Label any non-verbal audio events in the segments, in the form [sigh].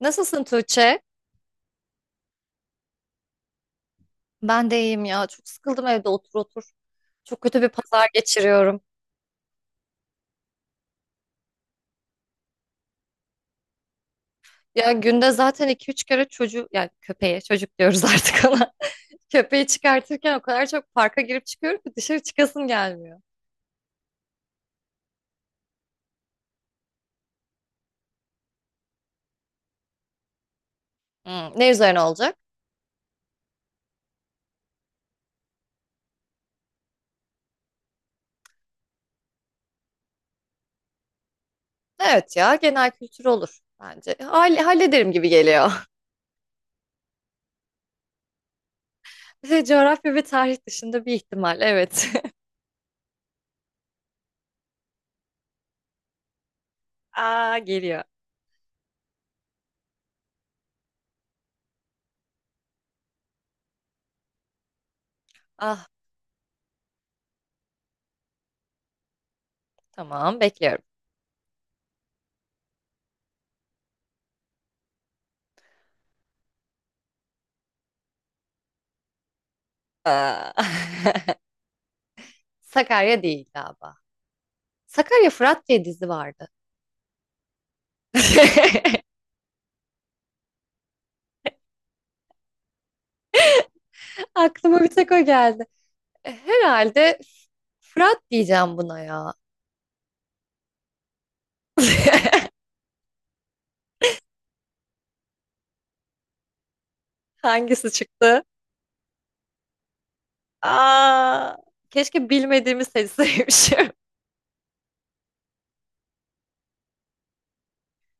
Nasılsın Tuğçe? Ben de iyiyim ya. Çok sıkıldım evde otur otur. Çok kötü bir pazar geçiriyorum. Ya günde zaten iki üç kere çocuğu, yani köpeğe, çocuk diyoruz [laughs] artık ona. Köpeği çıkartırken o kadar çok parka girip çıkıyorum ki dışarı çıkasım gelmiyor. Hmm, ne üzerine olacak? Evet ya, genel kültür olur bence. Hallederim gibi geliyor. [laughs] Coğrafya ve tarih dışında bir ihtimal, evet. [laughs] Aa, geliyor. Ah, tamam, bekliyorum. Aa. [laughs] Sakarya değil galiba. Sakarya Fırat diye dizi vardı. [laughs] Aklıma bir tek o geldi. Herhalde Fırat diyeceğim buna ya. [laughs] Hangisi çıktı? Aa, keşke bilmediğimi seçseymişim.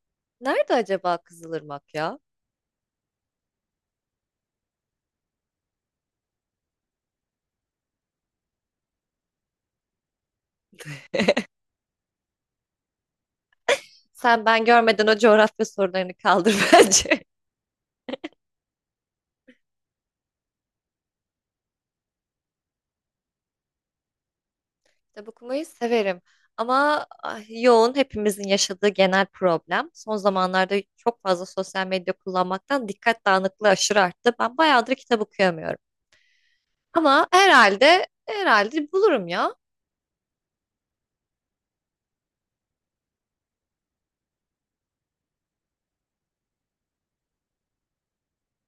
[laughs] Nerede acaba Kızılırmak ya? Sen ben görmeden o coğrafya sorularını kaldır [laughs] bence. Kitap okumayı severim. Ama yoğun hepimizin yaşadığı genel problem. Son zamanlarda çok fazla sosyal medya kullanmaktan dikkat dağınıklığı aşırı arttı. Ben bayağıdır kitap okuyamıyorum. Ama herhalde bulurum ya.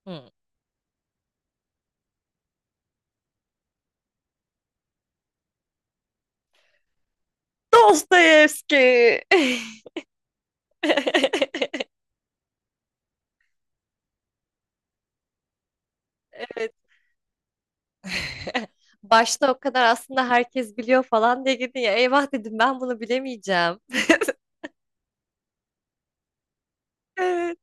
Hı. Dostoyevski. [laughs] Evet. [laughs] Başta o kadar aslında herkes biliyor falan diye gidin ya. Eyvah dedim, ben bunu bilemeyeceğim. Evet.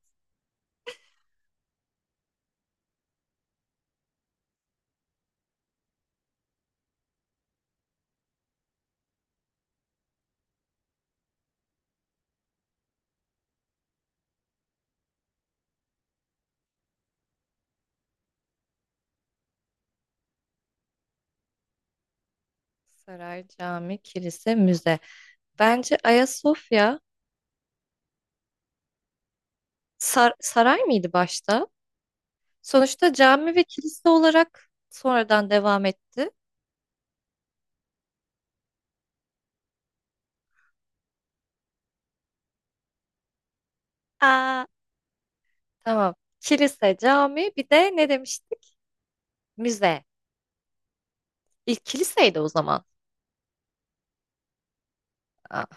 Saray, cami, kilise, müze. Bence Ayasofya saray mıydı başta? Sonuçta cami ve kilise olarak sonradan devam etti. Aa, tamam. Kilise, cami, bir de ne demiştik? Müze. İlk kiliseydi o zaman. Aa.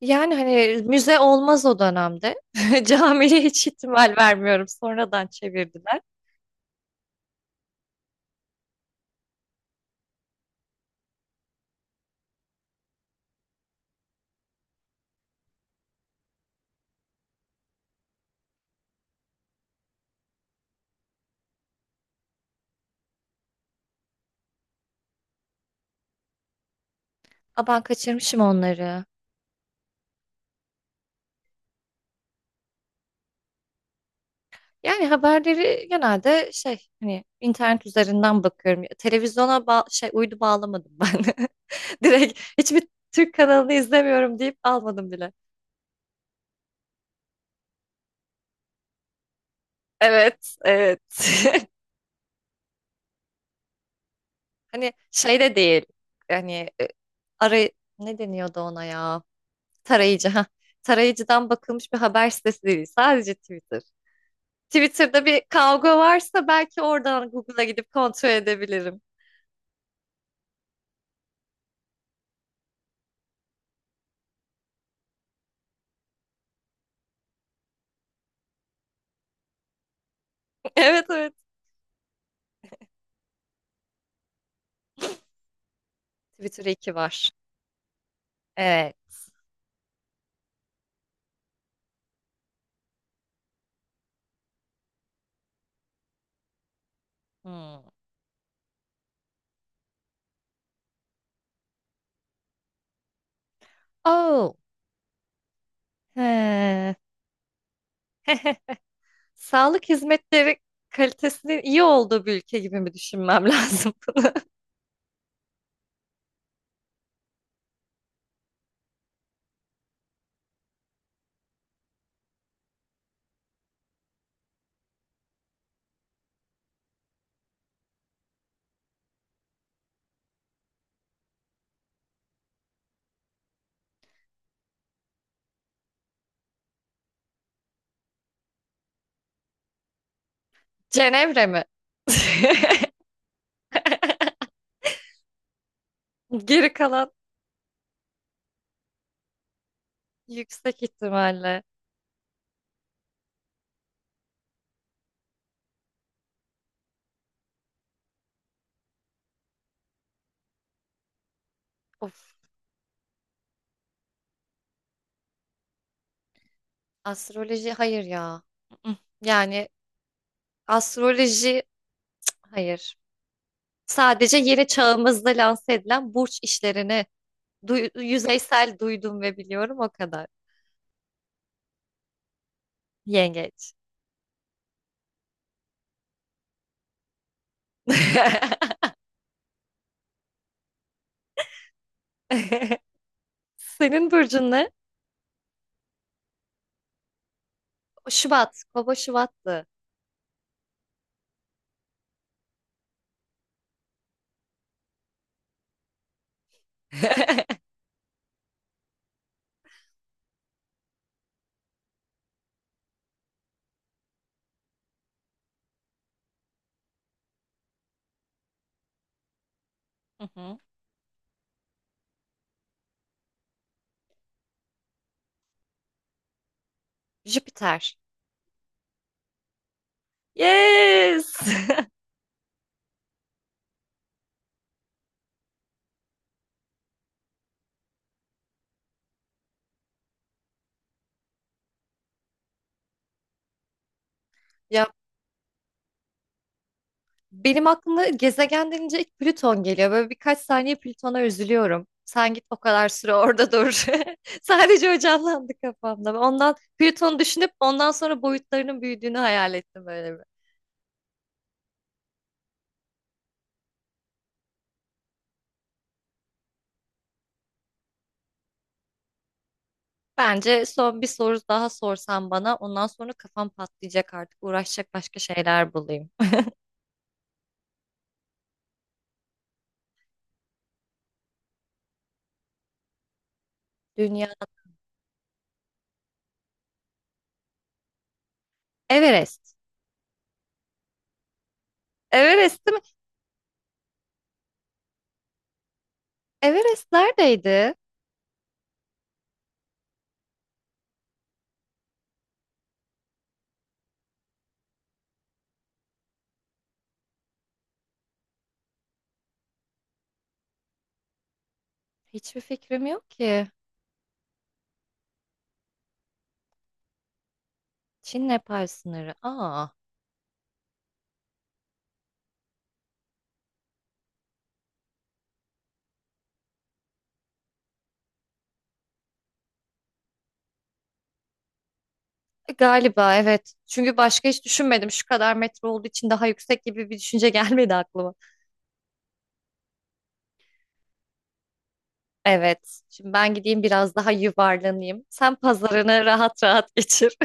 Yani hani müze olmaz o dönemde. [laughs] Camiye hiç ihtimal vermiyorum. Sonradan çevirdiler. Aa, ben kaçırmışım onları. Yani haberleri genelde şey, hani, internet üzerinden bakıyorum. Televizyona şey, uydu bağlamadım ben. [laughs] Direkt hiçbir Türk kanalını izlemiyorum deyip almadım bile. Evet, evet. [laughs] Hani şey de değil. Hani e, aray, ne deniyordu ona ya? Tarayıcı, ha. Tarayıcıdan bakılmış bir haber sitesi değil. Sadece Twitter. Twitter'da bir kavga varsa belki oradan Google'a gidip kontrol edebilirim. [laughs] Evet, evet. Twitter iki var. Evet. Hmm. Oh. He. [laughs] Sağlık hizmetleri kalitesinin iyi olduğu bir ülke gibi mi düşünmem lazım bunu? [laughs] Cenevre mi? [laughs] Geri kalan yüksek ihtimalle. Of. Astroloji hayır ya. Mm-mm. Yani astroloji hayır. Sadece yeni çağımızda lanse edilen burç işlerini yüzeysel duydum ve biliyorum o kadar. Yengeç. [laughs] Senin burcun ne? Şubat. Kova Şubat'tı. [laughs] Hı hı. Jüpiter. Yes! [laughs] Ya, benim aklıma gezegen denince ilk Plüton geliyor. Böyle birkaç saniye Plüton'a üzülüyorum. Sen git o kadar süre orada dur. [laughs] Sadece o canlandı kafamda. Ondan Plüton'u düşünüp ondan sonra boyutlarının büyüdüğünü hayal ettim böyle. Bence son bir soru daha sorsan bana, ondan sonra kafam patlayacak, artık uğraşacak başka şeyler bulayım. Dünya. Everest. Everest mi? Everest neredeydi? Hiçbir fikrim yok ki. Çin Nepal sınırı. Aa, galiba evet. Çünkü başka hiç düşünmedim. Şu kadar metre olduğu için daha yüksek gibi bir düşünce [laughs] gelmedi aklıma. Evet. Şimdi ben gideyim biraz daha yuvarlanayım. Sen pazarını rahat rahat [laughs] geçir.